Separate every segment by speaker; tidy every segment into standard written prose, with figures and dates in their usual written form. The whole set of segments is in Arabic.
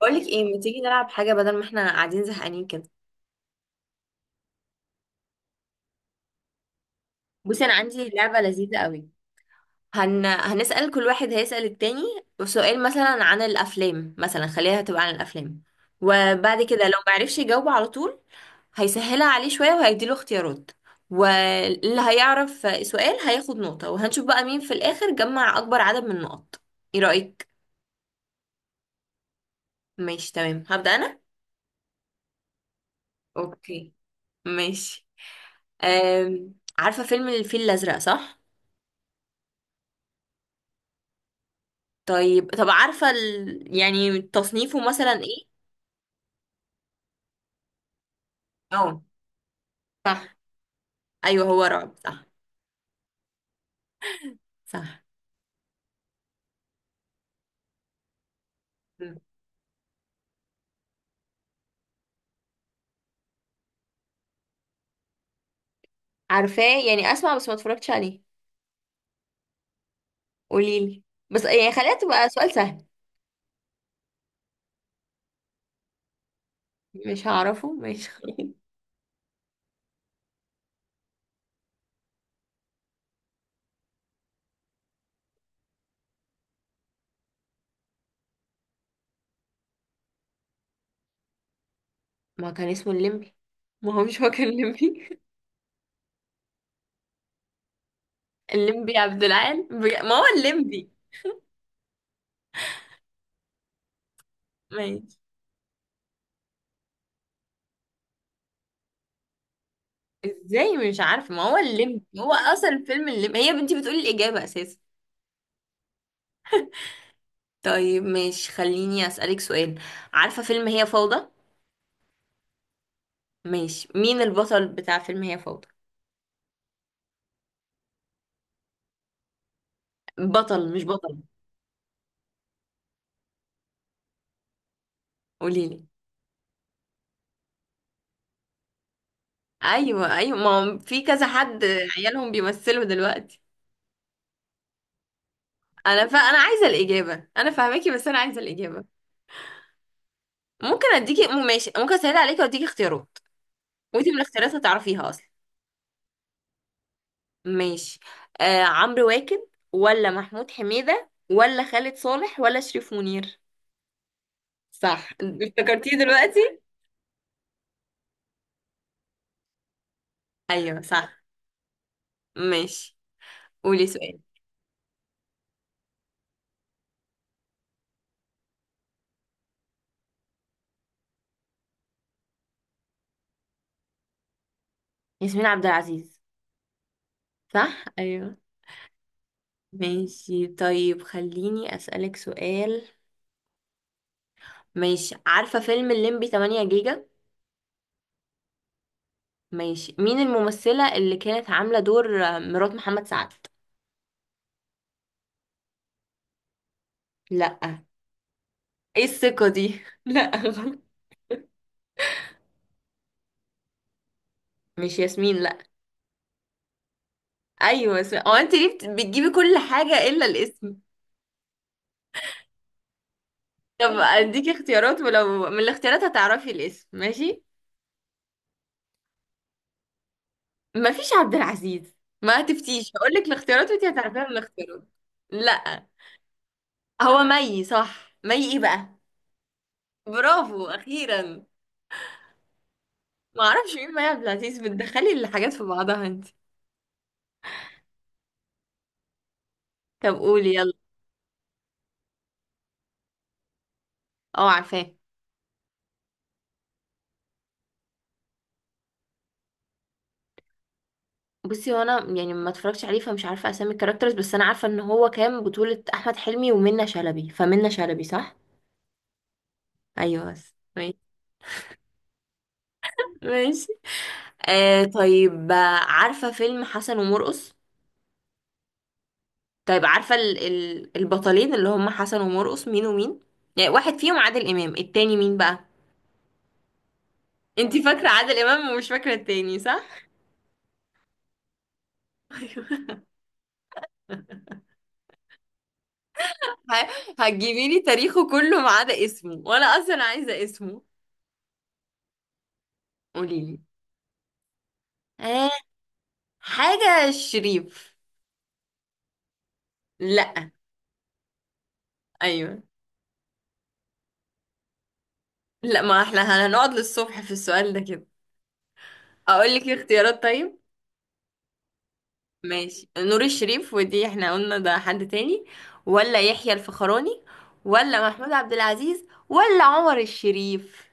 Speaker 1: بقولك ايه، ما تيجي نلعب حاجة بدل ما احنا قاعدين زهقانين كده. بصي، انا عندي لعبه لذيذه قوي. هنسأل كل واحد، هيسأل التاني سؤال مثلا عن الأفلام. مثلا خليها تبقى عن الأفلام، وبعد كده لو معرفش يجاوب على طول هيسهلها عليه شوية وهيديله اختيارات، واللي هيعرف سؤال هياخد نقطة، وهنشوف بقى مين في الآخر جمع أكبر عدد من النقط. ايه رأيك؟ ماشي تمام، هبدأ أنا؟ اوكي ماشي. عارفة فيلم الفيل الأزرق صح؟ طيب، عارفة يعني تصنيفه مثلا ايه؟ اه صح. ايوه هو رعب صح. صح. مم. عارفاه يعني، اسمع بس ما اتفرجتش عليه. قوليلي، بس يعني خليها تبقى سؤال سهل. مش هعرفه مش. ما كان اسمه الليمبي؟ ما هو مش هو كان الليمبي؟ الليمبي عبد العال ما هو الليمبي. ماشي. ازاي مش عارفه؟ ما هو الليمبي، هو اصلا فيلم الليمبي، هي بنتي بتقولي الاجابه اساسا. طيب، مش خليني اسالك سؤال. عارفه فيلم هي فوضى؟ ماشي، مين البطل بتاع فيلم هي فوضى؟ بطل مش بطل. قوليلي. ايوه ايوه، ما هو في كذا حد عيالهم بيمثلوا دلوقتي. انا عايزه الاجابه، انا فاهماكي بس انا عايزه الاجابه. ممكن اديكي ماشي، ممكن اسهل عليكي واديكي اختيارات، وانتي من الاختيارات هتعرفيها اصلا. ماشي. آه، عمرو واكد ولا محمود حميده ولا خالد صالح ولا شريف منير؟ صح، افتكرتيه دلوقتي. ايوه صح. ماشي، قولي سؤال. ياسمين عبد العزيز. صح ايوه. ماشي طيب، خليني أسألك سؤال. ماشي، عارفة فيلم الليمبي 8 جيجا؟ ماشي، مين الممثلة اللي كانت عاملة دور مرات محمد سعد؟ لأ. ايه الثقة دي؟ لأ غلط. مش ياسمين لأ. أيوة ياسمين، هو أنت ليه بتجيبي كل حاجة إلا الاسم؟ طب أديكي اختيارات، ولو من الاختيارات هتعرفي الاسم ماشي. مفيش عبد العزيز. ما تفتيش، هقولك الاختيارات وأنت هتعرفيها من الاختيارات. لأ. هو مي صح، مي ايه بقى؟ برافو اخيرا. ما اعرفش مين مي عبد العزيز، بتدخلي الحاجات في بعضها انت. طب قولي يلا. اه عارفاه. بصي، هو انا يعني ما اتفرجتش عليه فمش عارفه اسامي الكاركترز، بس انا عارفه ان هو كان بطوله احمد حلمي ومنى شلبي، فمنى شلبي صح. ايوه بس ماشي. ماشي آه، طيب عارفه فيلم حسن ومرقص؟ طيب عارفه ال البطلين اللي هم حسن ومرقص مين ومين؟ يعني واحد فيهم عادل امام، التاني مين بقى؟ انت فاكره عادل امام ومش فاكره التاني صح. هتجيبي لي تاريخه كله ما عدا اسمه، وانا اصلا عايزه اسمه. قولي لي. آه، حاجه شريف. لا. ايوه. لا ما احنا هنقعد للصبح في السؤال ده كده، اقول لك الاختيارات طيب؟ ماشي، نور الشريف ودي احنا قلنا ده حد تاني، ولا يحيى الفخراني، ولا محمود عبد العزيز، ولا عمر الشريف؟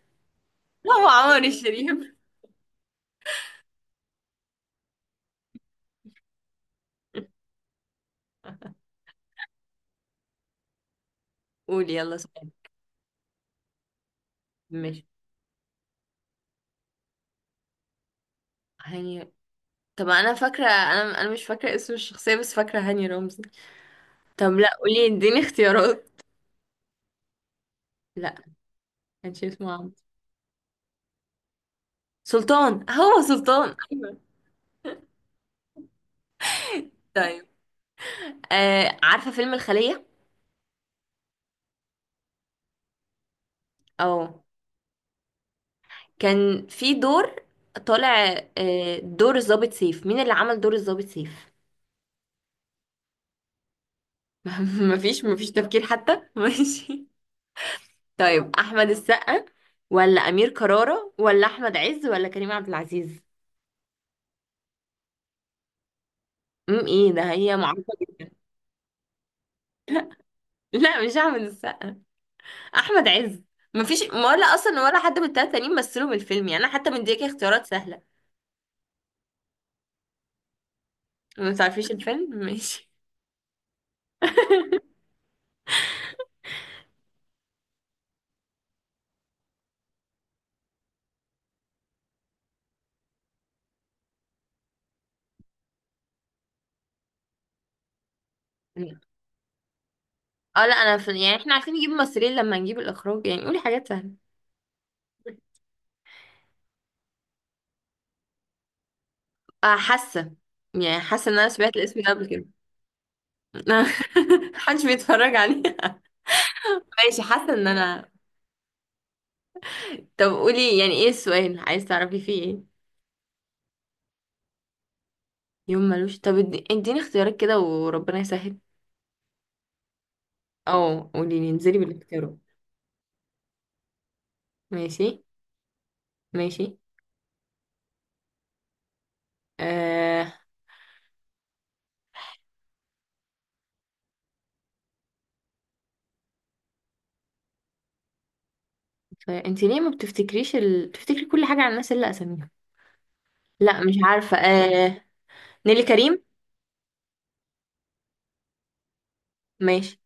Speaker 1: لا هو عمر الشريف. قولي يلا سؤال. ماشي. هاني. طب انا فاكره، انا مش فاكره اسم الشخصيه بس فاكره هاني رمزي. طب لا، قولي اديني اختيارات. لا. كانش اسمه عمرو؟ سلطان، هو سلطان ايوه. طيب آه، عارفة فيلم الخلية؟ اه. كان في دور طالع، دور الضابط سيف. مين اللي عمل دور الضابط سيف؟ مفيش تفكير حتى؟ ماشي. طيب احمد السقا، ولا امير كرارة، ولا احمد عز، ولا كريم عبد العزيز؟ امم، ايه ده، هي معروفة. لا مش احمد السقا. احمد عز. مفيش ولا اصلا ولا حد من التلاتة تانيين مثلوا من الفيلم، يعني انا حتى مديكي اختيارات سهله. ما تعرفيش الفيلم. ماشي. اه لا انا يعني احنا عارفين نجيب ممثلين، لما نجيب الاخراج يعني، قولي حاجات سهله. حاسه، يعني حاسه ان انا سمعت الاسم ده قبل كده. محدش بيتفرج عليه. ماشي، حاسه ان انا. طب قولي، يعني ايه السؤال عايز تعرفي فيه ايه؟ يوم ملوش. طب اديني اختيارات كده، وربنا يسهل. اه، قولي لي انزلي بالاختيارات. ماشي. ماشي. انت ليه ما بتفتكريش بتفتكري كل حاجة عن الناس اللي اساميهم. لا مش عارفة نيلي كريم. ماشي.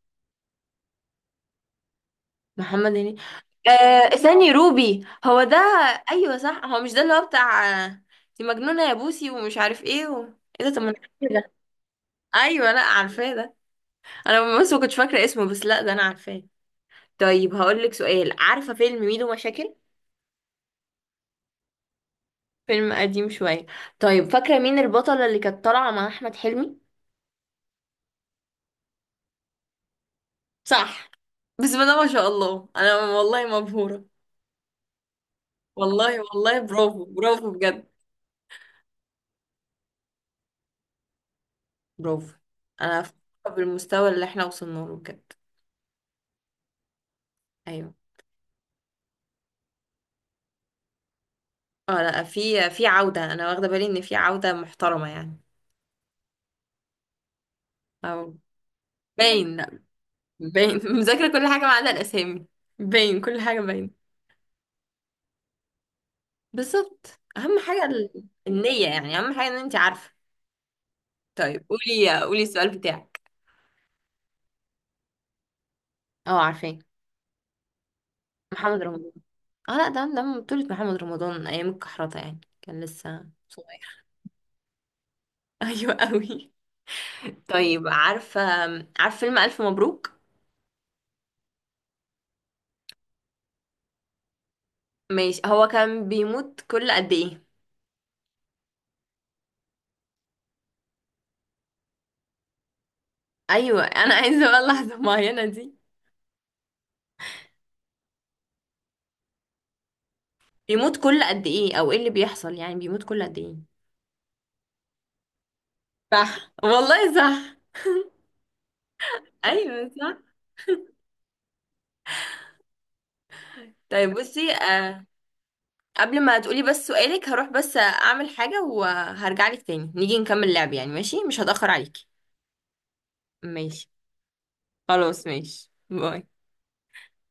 Speaker 1: محمد هنيدي. ثاني روبي هو ده. ايوه صح، هو مش ده اللي هو بتاع دي مجنونة يا بوسي ومش عارف ايه ايه ده؟ طب ما انا عارفة إيه ده. ايوه، لا عارفاه ده، انا بس ما كنتش فاكرة اسمه، بس لا ده انا عارفاه. طيب هقول لك سؤال، عارفة فيلم ميدو مشاكل؟ فيلم قديم شوية. طيب فاكرة مين البطلة اللي كانت طالعة مع احمد حلمي؟ صح. بسم الله ما شاء الله، انا والله مبهورة. والله والله برافو برافو بجد. برافو. انا فخورة بالمستوى اللي احنا وصلنا له بجد. ايوه. اه لا، في عودة، انا واخدة بالي ان في عودة محترمة يعني. او. باين، لا باين. مذاكرة كل حاجة ما عدا الاسامي. باين كل حاجة باين. بالظبط، اهم حاجة النية، يعني اهم حاجة ان انت عارفة. طيب قولي، السؤال بتاعك. اه عارفين. محمد رمضان. اه لا ده، ده من بطولة محمد رمضان ايام الكحرطة، يعني كان لسه صغير. ايوه قوي. طيب عارفة، فيلم ألف مبروك؟ ماشي، هو كان بيموت كل قد ايه؟ ايوه، انا عايزة بقى اللحظة المعينة دي. بيموت كل قد ايه، او ايه اللي بيحصل، يعني بيموت كل قد ايه؟ صح والله صح. ايوه صح. طيب بصي آه، قبل ما تقولي بس سؤالك، هروح بس اعمل حاجة وهرجع لك تاني نيجي نكمل لعب يعني، ماشي؟ مش هتأخر عليكي. ماشي، خلاص ماشي، باي.